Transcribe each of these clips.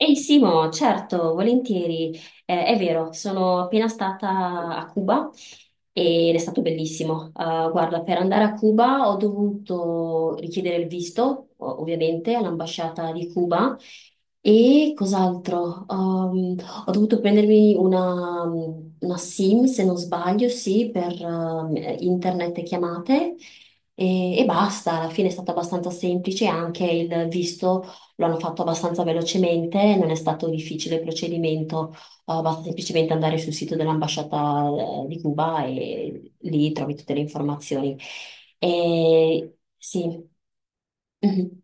Ehi Simo, certo, volentieri. È vero, sono appena stata a Cuba ed è stato bellissimo. Guarda, per andare a Cuba ho dovuto richiedere il visto, ovviamente, all'ambasciata di Cuba. E cos'altro? Ho dovuto prendermi una SIM, se non sbaglio, sì, per internet e chiamate. E basta, alla fine è stato abbastanza semplice anche il visto lo hanno fatto abbastanza velocemente, non è stato difficile il procedimento. Basta semplicemente andare sul sito dell'ambasciata di Cuba e lì trovi tutte le informazioni. E sì. Mhm.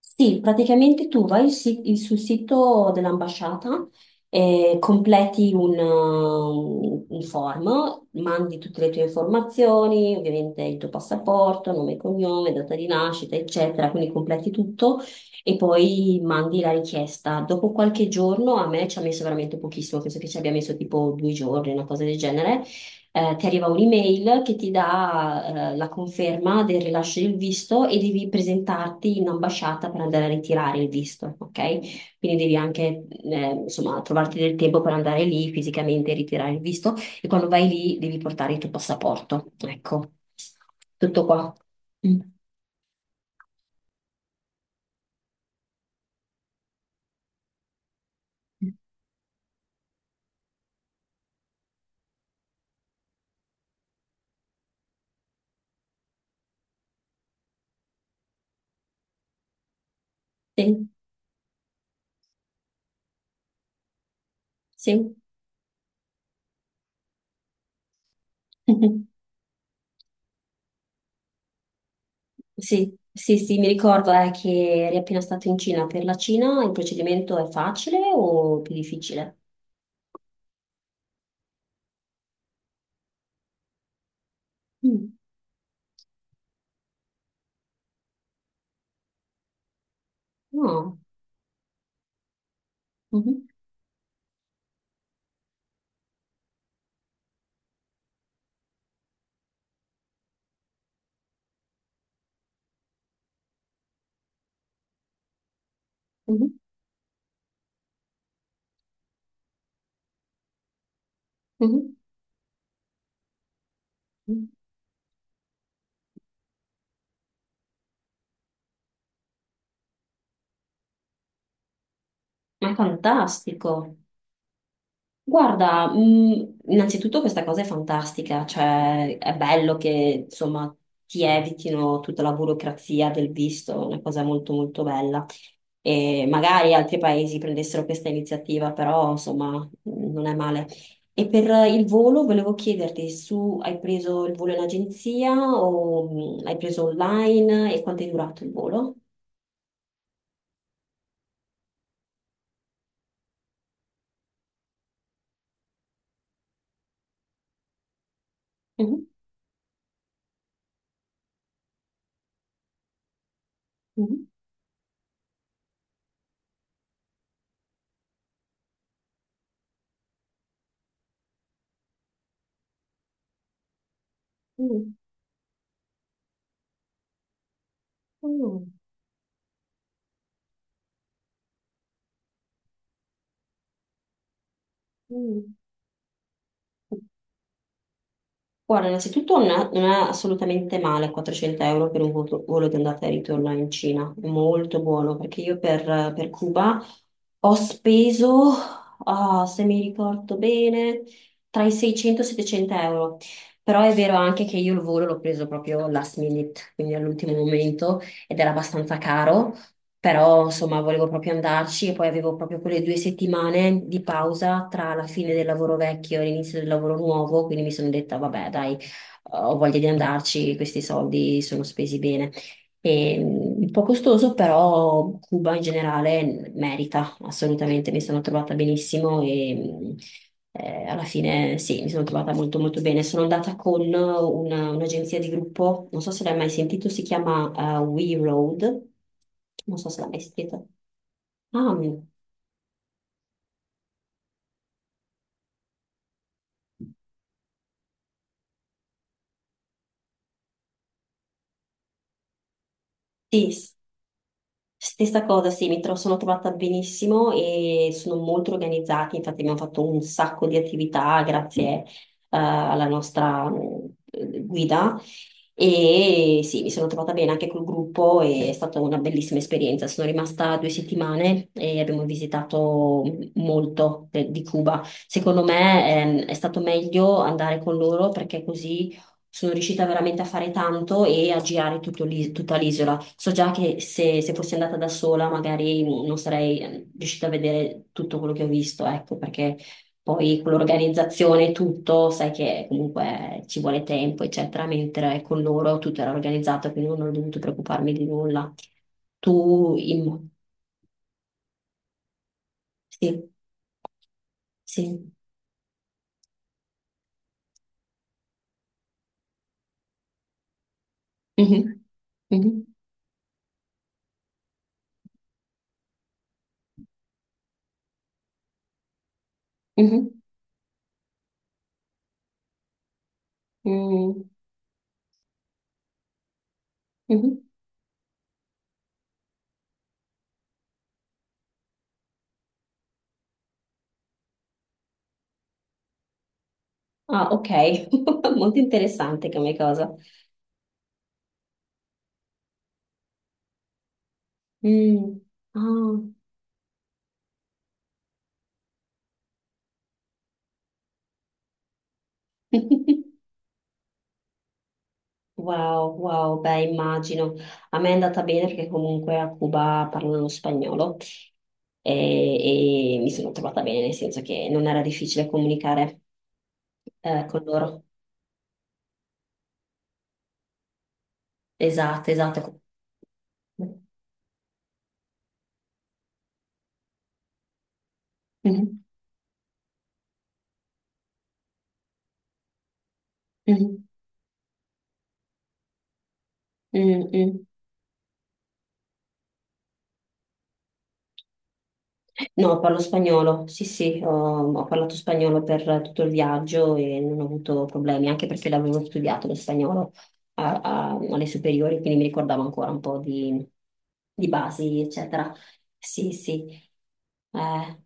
Sì, praticamente tu vai sul sito dell'ambasciata, completi un form, mandi tutte le tue informazioni, ovviamente il tuo passaporto, nome e cognome, data di nascita, eccetera, quindi completi tutto e poi mandi la richiesta. Dopo qualche giorno, a me ci ha messo veramente pochissimo, penso che ci abbia messo tipo 2 giorni, una cosa del genere. Ti arriva un'email che ti dà, la conferma del rilascio del visto e devi presentarti in ambasciata per andare a ritirare il visto, ok? Quindi devi anche, insomma, trovarti del tempo per andare lì fisicamente e ritirare il visto, e quando vai lì devi portare il tuo passaporto. Ecco, tutto qua. Mm. Sì, sì. Sì, sì, sì, mi ricordo che eri appena stato in Cina. Per la Cina il procedimento è facile o più difficile? Mm. Oh, mhm, mhm, mhm, mhm. Ma è fantastico. Guarda, innanzitutto questa cosa è fantastica, cioè è bello che insomma ti evitino tutta la burocrazia del visto, è una cosa molto molto bella. E magari altri paesi prendessero questa iniziativa, però insomma non è male. E per il volo volevo chiederti, su hai preso il volo in agenzia o hai preso online e quanto è durato il volo? Mhm, mhm. Mm, mm, mm. Guarda, innanzitutto non è assolutamente male 400 euro per un volo di andata e ritorno in Cina, è molto buono, perché io per Cuba ho speso, se mi ricordo bene, tra i 600 e i 700 euro, però è vero anche che io il volo l'ho preso proprio last minute, quindi all'ultimo momento, ed era abbastanza caro. Però insomma volevo proprio andarci, e poi avevo proprio quelle due settimane di pausa tra la fine del lavoro vecchio e l'inizio del lavoro nuovo, quindi mi sono detta vabbè dai, ho voglia di andarci, questi soldi sono spesi bene. E, un po' costoso, però Cuba in generale merita. Assolutamente, mi sono trovata benissimo e alla fine sì, mi sono trovata molto molto bene. Sono andata con un'agenzia di gruppo, non so se l'hai mai sentito, si chiama We Road, non so se l'hai mai sentito. Ah, sì, stessa cosa, sì, sono trovata benissimo e sono molto organizzati, infatti abbiamo fatto un sacco di attività grazie alla nostra guida, e sì, mi sono trovata bene anche col gruppo e è stata una bellissima esperienza. Sono rimasta due settimane e abbiamo visitato molto di Cuba. Secondo me è stato meglio andare con loro perché così sono riuscita veramente a fare tanto e a girare tutta l'isola. So già che se fossi andata da sola magari non sarei riuscita a vedere tutto quello che ho visto, ecco, perché poi con l'organizzazione e tutto, sai che comunque ci vuole tempo, eccetera, mentre con loro tutto era organizzato, quindi non ho dovuto preoccuparmi di nulla. Tu, in... Sì, sì. Mhm. Mhm. Mhm. Mm. Mhm. Ah, ok, molto interessante come cosa. Mm. Ah. Wow, wow, beh, immagino. A me è andata bene perché comunque a Cuba parlano spagnolo, e mi sono trovata bene, nel senso che non era difficile comunicare con loro. Esatto, esatto. Mhm, mhm, mm, mm. No, parlo spagnolo, sì sì, ho parlato spagnolo per tutto il viaggio e non ho avuto problemi, anche perché l'avevo studiato lo spagnolo alle superiori, quindi mi ricordavo ancora un po' di basi, eccetera. Sì, sì. Eh,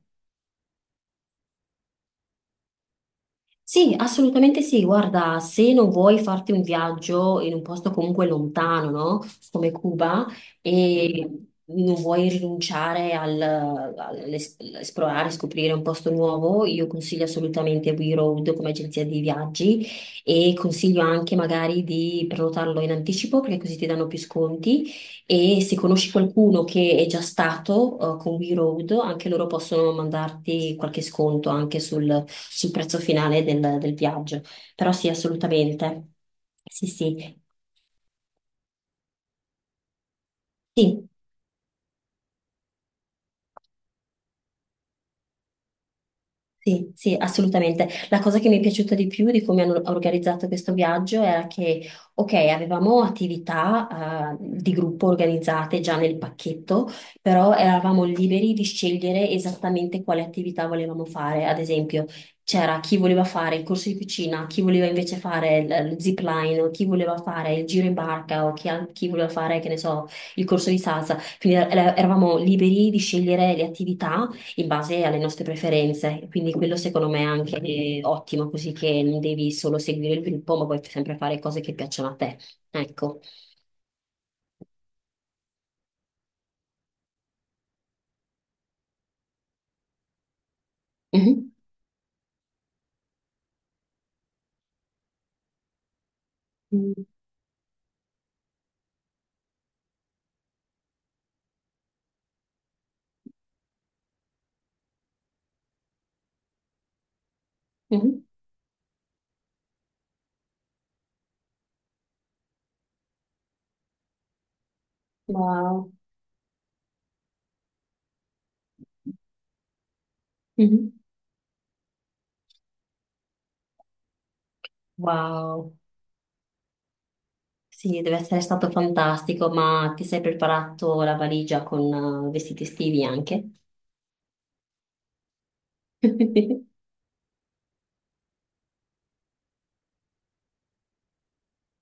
sì, assolutamente sì. Guarda, se non vuoi farti un viaggio in un posto comunque lontano, no? Come Cuba, e mhm, non vuoi rinunciare all'esplorare, scoprire un posto nuovo, io consiglio assolutamente We Road come agenzia di viaggi, e consiglio anche magari di prenotarlo in anticipo perché così ti danno più sconti. E se conosci qualcuno che è già stato con We Road, anche loro possono mandarti qualche sconto anche sul prezzo finale del viaggio. Però sì, assolutamente. Sì, sì. Sì. Sì, sì, assolutamente. La cosa che mi è piaciuta di più di come hanno organizzato questo viaggio era che, ok, avevamo attività, di gruppo organizzate già nel pacchetto, però eravamo liberi di scegliere esattamente quale attività volevamo fare. Ad esempio, c'era chi voleva fare il corso di cucina, chi voleva invece fare il zip line, o chi voleva fare il giro in barca, o chi, chi voleva fare, che ne so, il corso di salsa. Quindi eravamo liberi di scegliere le attività in base alle nostre preferenze. Quindi quello secondo me è anche ottimo, così che non devi solo seguire il gruppo, ma puoi sempre fare cose che piacciono a te. Ecco. Mhm. Mm. Mhm. Wow. Mhm. Wow, sì, deve essere stato fantastico, ma ti sei preparato la valigia con vestiti estivi anche?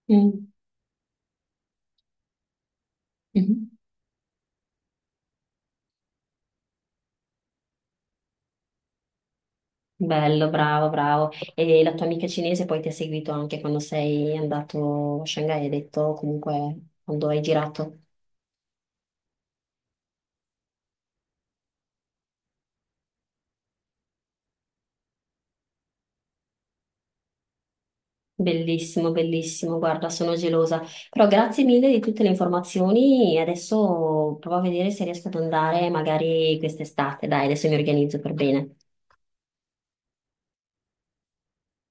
Mm. Mhm. Bello, bravo, bravo. E la tua amica cinese poi ti ha seguito anche quando sei andato a Shanghai, hai detto, comunque quando hai girato? Bellissimo, bellissimo, guarda, sono gelosa. Però grazie mille di tutte le informazioni. Adesso provo a vedere se riesco ad andare magari quest'estate. Dai, adesso mi organizzo per bene.